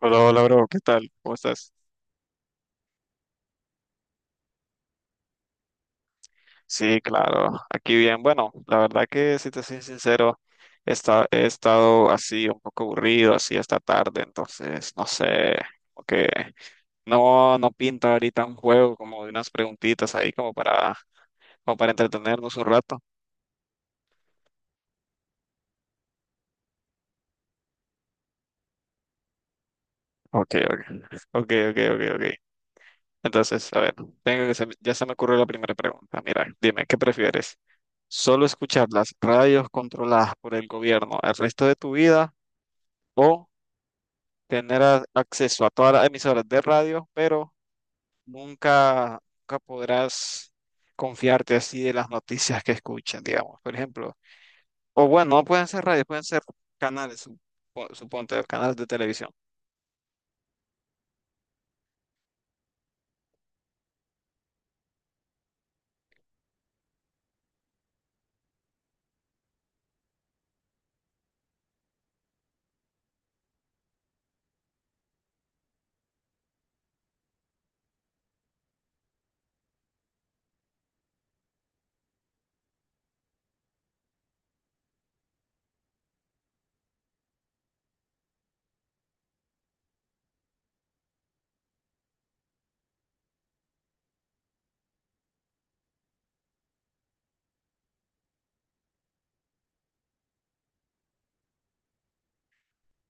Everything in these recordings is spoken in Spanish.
Hola, hola, bro, ¿qué tal? ¿Cómo estás? Sí, claro, aquí bien. Bueno, la verdad que si te soy sincero, he estado así un poco aburrido, así esta tarde, entonces no sé, como que no pinta ahorita un juego como de unas preguntitas ahí como para entretenernos un rato. Ok, ok, ok, ok, ok, ok. Entonces, a ver, tengo ya se me ocurrió la primera pregunta. Mira, dime, ¿qué prefieres? ¿Solo escuchar las radios controladas por el gobierno el resto de tu vida, o tener acceso a todas las emisoras de radio, pero nunca, nunca podrás confiarte así de las noticias que escuchan, digamos, por ejemplo? O bueno, no pueden ser radios, pueden ser canales, suponte, canales de televisión.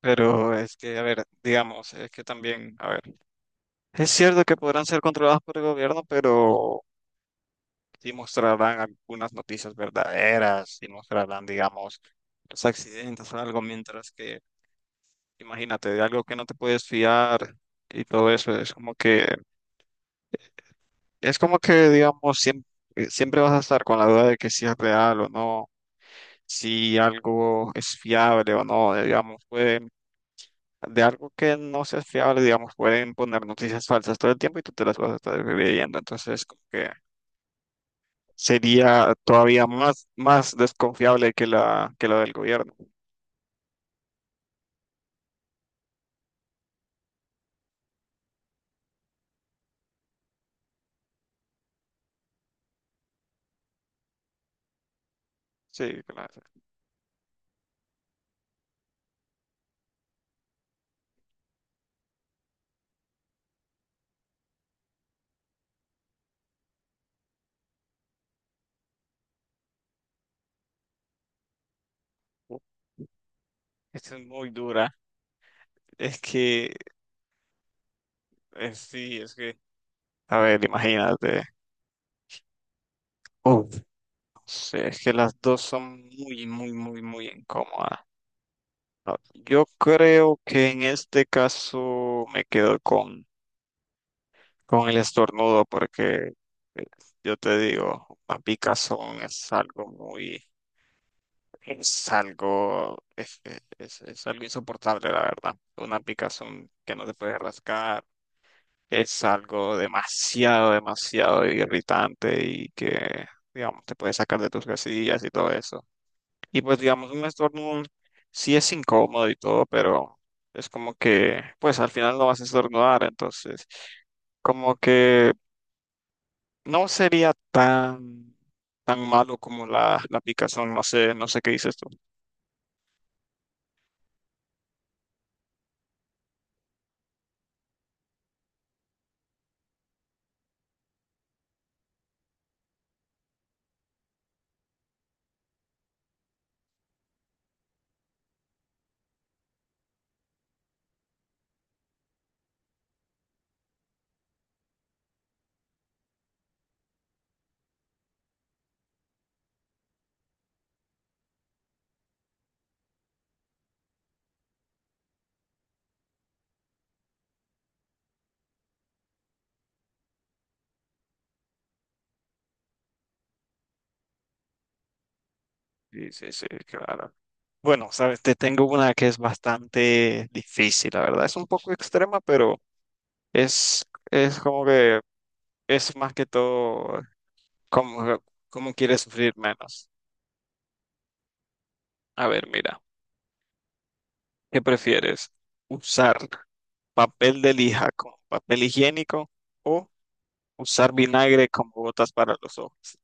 Pero es que, a ver, digamos, es que también, a ver, es cierto que podrán ser controlados por el gobierno, pero sí mostrarán algunas noticias verdaderas, y mostrarán, digamos, los accidentes o algo, mientras que, imagínate, de algo que no te puedes fiar y todo eso, es como que, digamos, siempre, siempre vas a estar con la duda de que si es real o no, si algo es fiable o no, digamos, pueden, de algo que no sea fiable, digamos, pueden poner noticias falsas todo el tiempo y tú te las vas a estar creyendo, entonces, como que sería todavía más desconfiable que la que la del gobierno. Sí, claro. Uf, esta es muy dura. Es que, sí, es que, a ver, imagínate. Uf, no sé, es que las dos son muy, muy, muy, muy incómodas. No, yo creo que en este caso me quedo con el estornudo porque eh, yo te digo, las picas son es algo muy Es algo, es, es algo insoportable, la verdad. Una picazón que no te puedes rascar es algo demasiado, demasiado irritante y que, digamos, te puede sacar de tus casillas y todo eso. Y pues, digamos, un estornudo sí es incómodo y todo, pero es como que, pues al final no vas a estornudar, entonces, como que no sería tan, tan malo como la picazón, no sé, no sé qué dices tú. Sí, sí, sí, claro. Bueno, sabes, te tengo una que es bastante difícil, la verdad. Es un poco extrema, pero es, es como que es más que todo como, quieres sufrir menos. A ver, mira, ¿qué prefieres? ¿Usar papel de lija como papel higiénico, o usar vinagre como botas para los ojos?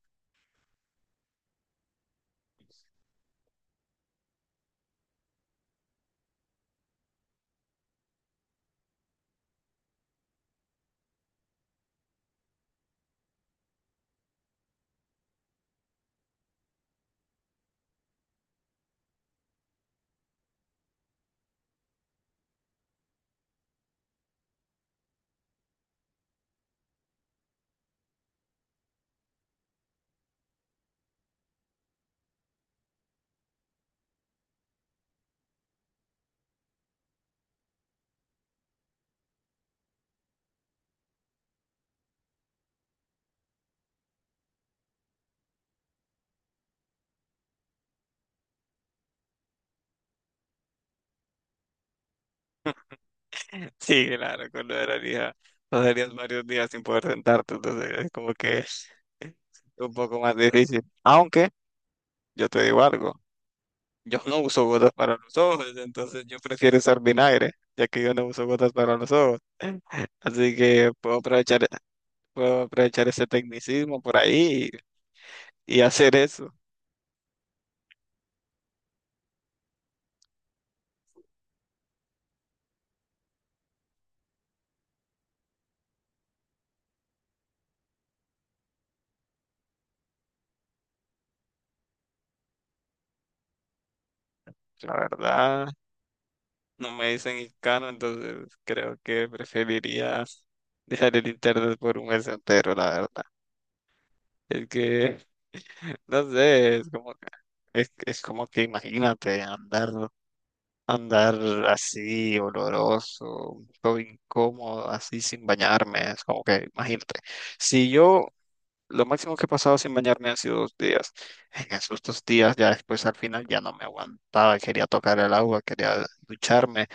Sí, claro, con lo de la lija pasarías varios días sin poder sentarte, entonces es como que es un poco más difícil. Aunque yo te digo algo. Yo no uso gotas para los ojos, entonces yo prefiero usar vinagre, ya que yo no uso gotas para los ojos. Así que puedo aprovechar ese tecnicismo por ahí y hacer eso. La verdad, no me dicen hiscano, entonces creo que preferiría dejar el internet por un mes entero, la verdad. Es que, no sé, es como que imagínate andar así, oloroso, un poco incómodo, así sin bañarme, es como que, imagínate. Si yo, lo máximo que he pasado sin bañarme han sido 2 días. En esos 2 días, ya después al final ya no me aguantaba, quería tocar el agua, quería ducharme.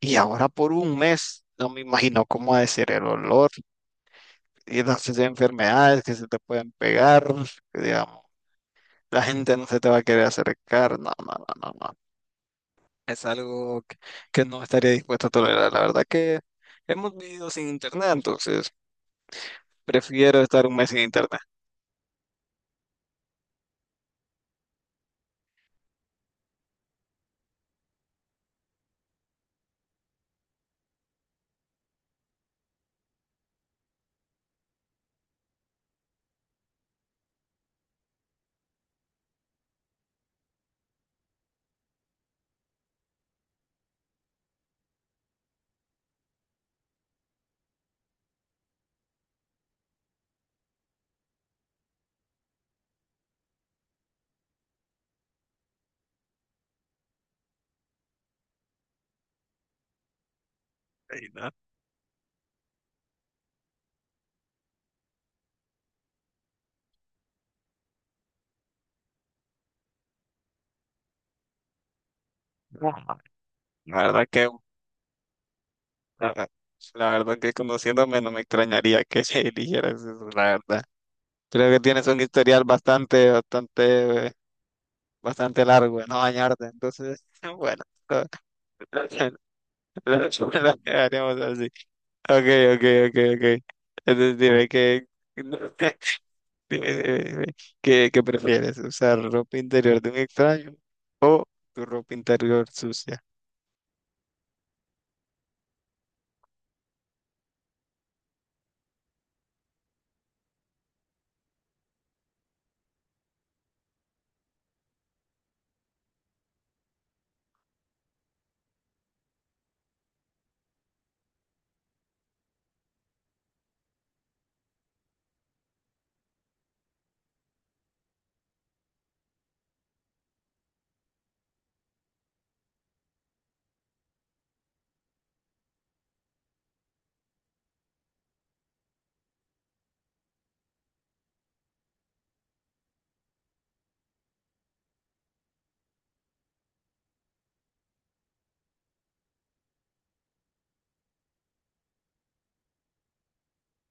Y ahora por un mes, no me imagino cómo ha de ser el olor y las enfermedades que se te pueden pegar, digamos. La gente no se te va a querer acercar, no, no, no, no. No. Es algo que no estaría dispuesto a tolerar. La verdad que hemos vivido sin internet, entonces prefiero estar un mes sin internet. Y La la verdad que, la, la verdad que conociéndome no me extrañaría que eligieras eso, la verdad. Creo que tienes un historial bastante, bastante, bastante largo de no bañarte, entonces, bueno, lo, lo dejaríamos así. Ok, ok, ok, ok. Entonces dime que... Dime, dime, dime, ¿Qué prefieres? ¿Usar ropa interior de un extraño, o tu ropa interior sucia?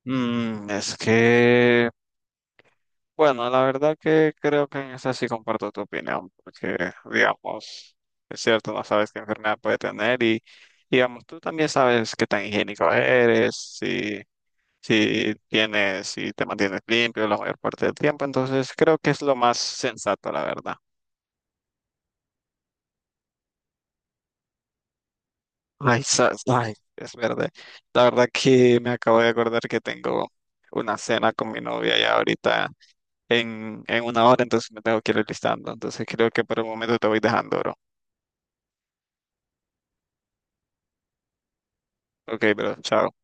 Mm, es que, bueno, la verdad que creo que en esa sí comparto tu opinión, porque, digamos, es cierto, no sabes qué enfermedad puede tener y, digamos, tú también sabes qué tan higiénico eres, si tienes, si te mantienes limpio la mayor parte del tiempo, entonces creo que es lo más sensato, la verdad. Ay, ay, es verdad. La verdad que me acabo de acordar que tengo una cena con mi novia ya ahorita en una hora, entonces me tengo que ir listando. Entonces creo que por el momento te voy dejando, bro. Ok, bro, chao.